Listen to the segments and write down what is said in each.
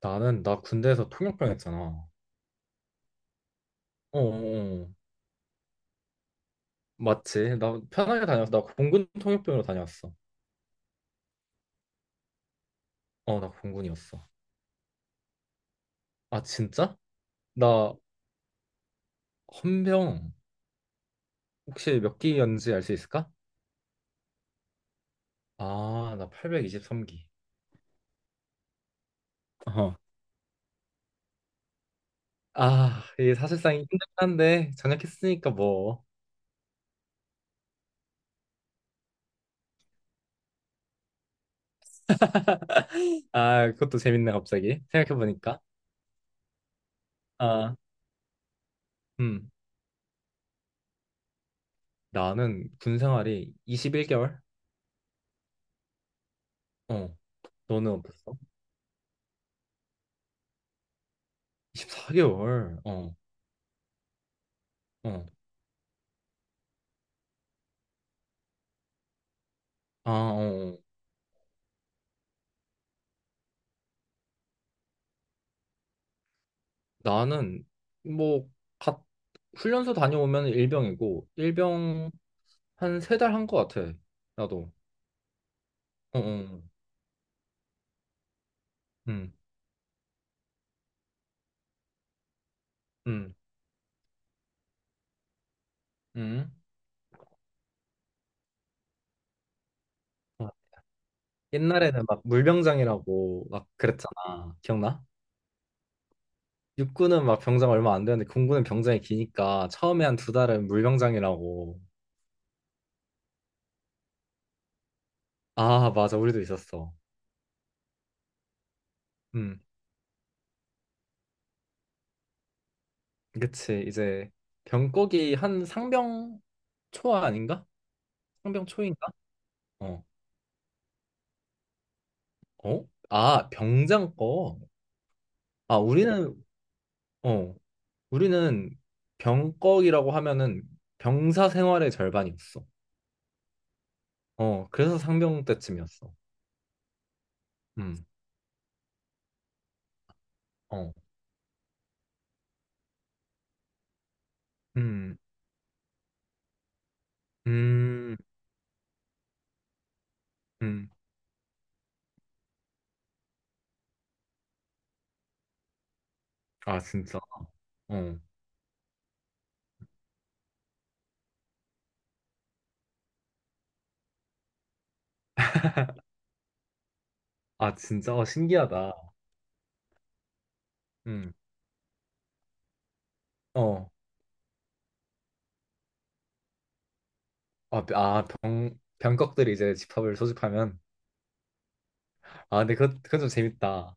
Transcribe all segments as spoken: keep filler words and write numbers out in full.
나는 나 군대에서 통역병 했잖아. 어, 어, 어. 맞지? 나 편하게 다녔어. 나 공군 통역병으로 다녔어. 어, 나 공군이었어. 아, 진짜? 나 헌병. 혹시 몇 기였는지 알 수 있을까? 아, 나 팔백이십삼 기. 어. 아, 이게 사실상 힘들긴 한데 전역했으니까 뭐. 아, 그것도 재밌네 갑자기 생각해보니까. 아, 음, 나는 군 생활이 이십일 개월. 어, 너는 어땠어? 이십사 개월. 어, 어. 아, 어. 나는 뭐 갓, 훈련소 다녀오면 일병이고 일병 한 세 달 한 것 같아. 나도. 어, 어. 음, 음, 음. 아, 옛날에는 막 물병장이라고 막 그랬잖아. 기억나? 육군은 막 병장 얼마 안 되는데 공군은 병장이 기니까 처음에 한 두 달은 물병장이라고. 아, 맞아. 우리도 있었어. 음. 그치. 이제 병꺽이 한 상병 초 아닌가? 상병 초인가? 어. 어? 아, 병장 거. 아, 우리는, 어, 우리는 병꺽이라고 하면은 병사 생활의 절반이었어. 어, 그래서 상병 때쯤이었어. 음, 어, 음, 음, 음. 아, 진짜. 어, 아, 진짜. 어, 신기하다. 음, 어, 아, 아, 병, 병꺽들이 이제 집합을 소집하면. 아, 근데 그건, 그건 좀 재밌다.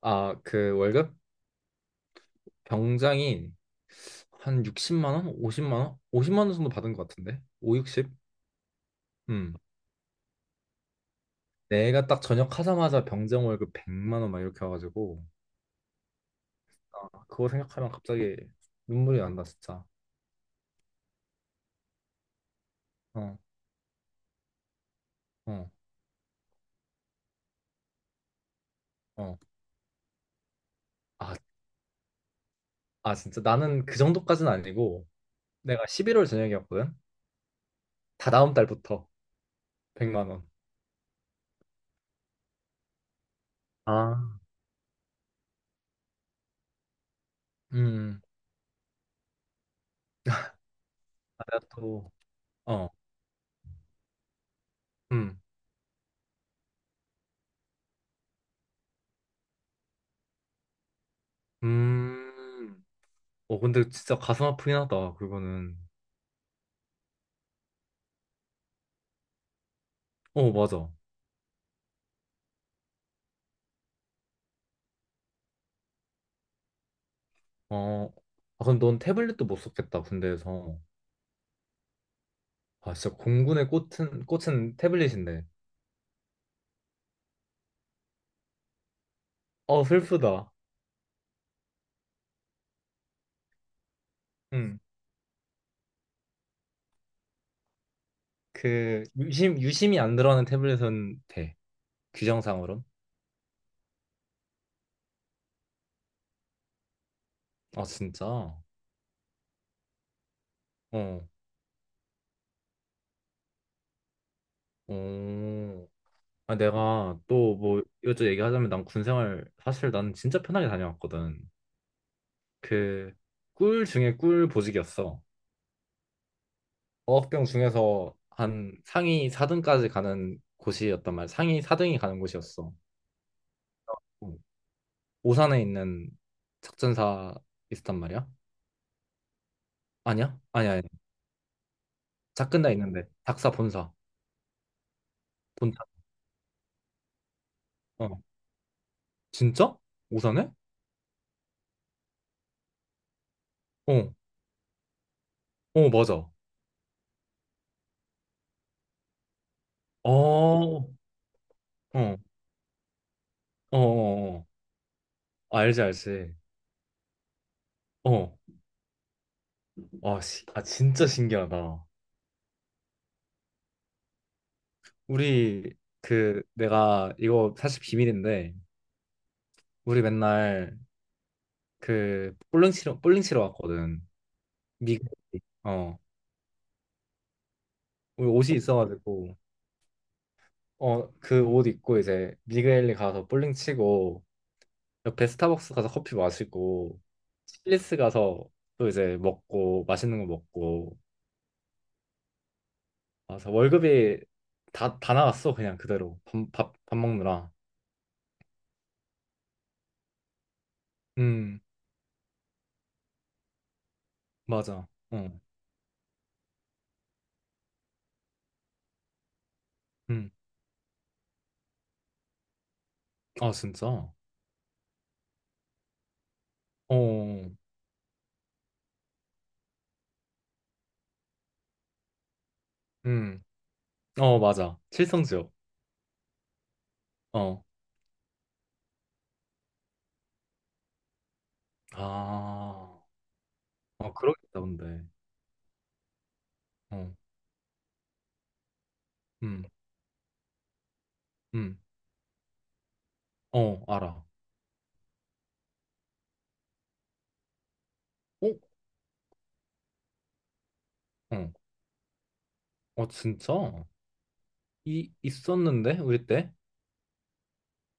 아, 그 월급? 병장이 한 육십만 원? 오십만 원? 오십만 원 정도 받은 것 같은데? 오십, 육십? 음. 내가 딱 전역하자마자 병장 월급 백만 원 막 이렇게 와가지고. 아, 그거 생각하면 갑자기 눈물이 난다 진짜. 어, 어, 어. 아, 아, 진짜 나는 그 정도까지는 아니고 내가 십일월 저녁이었거든. 다 다음 달부터 백만 원. 아, 음, 아, 내가 또, 어, 음, 음. 어, 근데 진짜 가슴 아프긴 하다, 그거는. 어, 맞아. 어, 아, 그럼 넌 태블릿도 못 썼겠다, 군대에서. 아, 진짜 공군의 꽃은, 꽃은 태블릿인데. 어, 슬프다. 응. 그 유심 유심이 안 들어가는 태블릿은 돼. 규정상으론. 아, 진짜? 어. 어. 아, 내가 또 뭐 이것저것 얘기하자면 난 군생활 사실 난 진짜 편하게 다녀왔거든. 그 꿀 중에 꿀 보직이었어. 어학병 중에서 한 상위 사 등까지 가는 곳이었단 말이야. 상위 사 등이 가는 곳이었어. 어. 오산에 있는 작전사 있었단 말이야. 아니야? 아니야, 아니야. 작근다 있는데 작사 본사. 어. 진짜? 오사네? 어. 어, 맞아. 어. 어. 어, 어, 어. 알지, 알지. 어. 아, 시, 아, 진짜 신기하다. 우리 그 내가 이거 사실 비밀인데 우리 맨날 그 볼링 치러 볼링 치러 왔거든. 미국. 어. 우리 옷이 있어가지고. 어, 그 옷 입고 이제 미그엘리 가서 볼링 치고 옆에 스타벅스 가서 커피 마시고 칠리스 가서 또 이제 먹고 맛있는 거 먹고. 아, 그래서 월급이 다, 다 나갔어, 그냥 그대로. 밥, 밥, 밥 먹느라. 음, 맞아. 어, 음. 아, 진짜? 어, 음. 어, 맞아. 칠성지역. 어. 아, 어, 그러겠다, 근데. 어, 음, 음. 어, 알아. 어? 어, 어, 진짜? 이, 있었는데? 우리 때?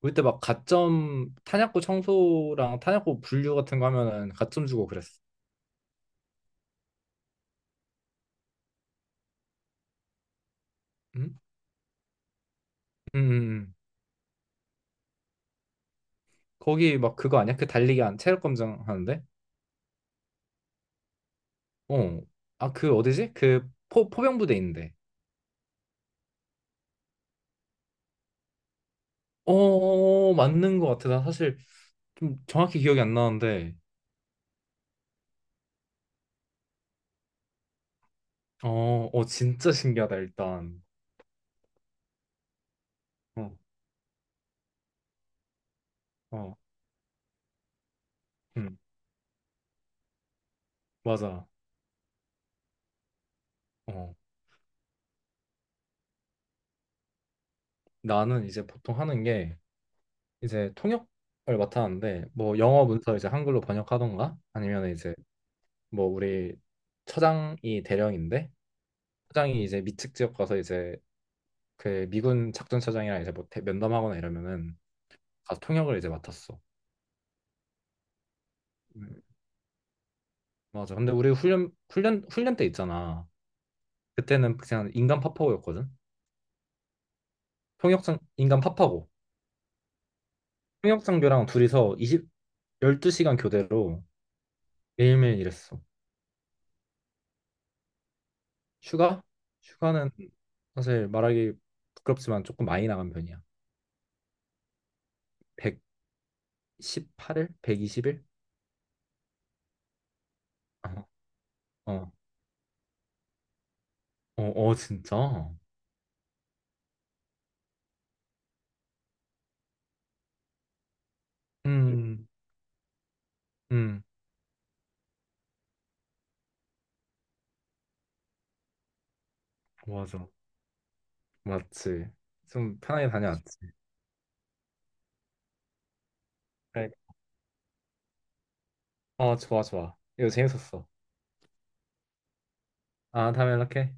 우리 때 막 가점, 탄약고 청소랑 탄약고 분류 같은 거 하면은 가점 주고 그랬어. 응? 응, 응. 거기 막 그거 아니야? 그 달리기 안 체력 검정 하는데? 어. 아, 그 어디지? 그 포, 포병부대 있는데. 어, 어, 어, 맞는 것 같아. 나 사실 좀 정확히 기억이 안 나는데. 어, 어, 진짜 신기하다, 일단. 어, 어, 음, 맞아. 어. 나는 이제 보통 하는 게 이제 통역을 맡았는데, 뭐 영어 문서 이제 한글로 번역하던가, 아니면 이제 뭐 우리 처장이 대령인데, 처장이 이제 미측 지역 가서 이제 그 미군 작전차장이랑 이제 뭐 대- 면담하거나 이러면은 가서 통역을 이제 맡았어. 음, 맞아. 근데 우리 훈련 훈련 훈련 때 있잖아. 그때는 그냥 인간 파파고였거든. 통역장 인간 파파고. 통역 장교랑 둘이서 이십 십이 시간 교대로 매일매일 일했어. 휴가? 휴가는 사실 말하기 부끄럽지만 조금 많이 나간 편이야. 백십팔 일? 백이십 일? 어, 어, 어, 어, 진짜? 음, 음, 맞아. 맞지. 좀 편하게 다녀왔지. 그래. 어, 좋아, 좋아. 이거 재밌었어. 아, 다음에 연락해.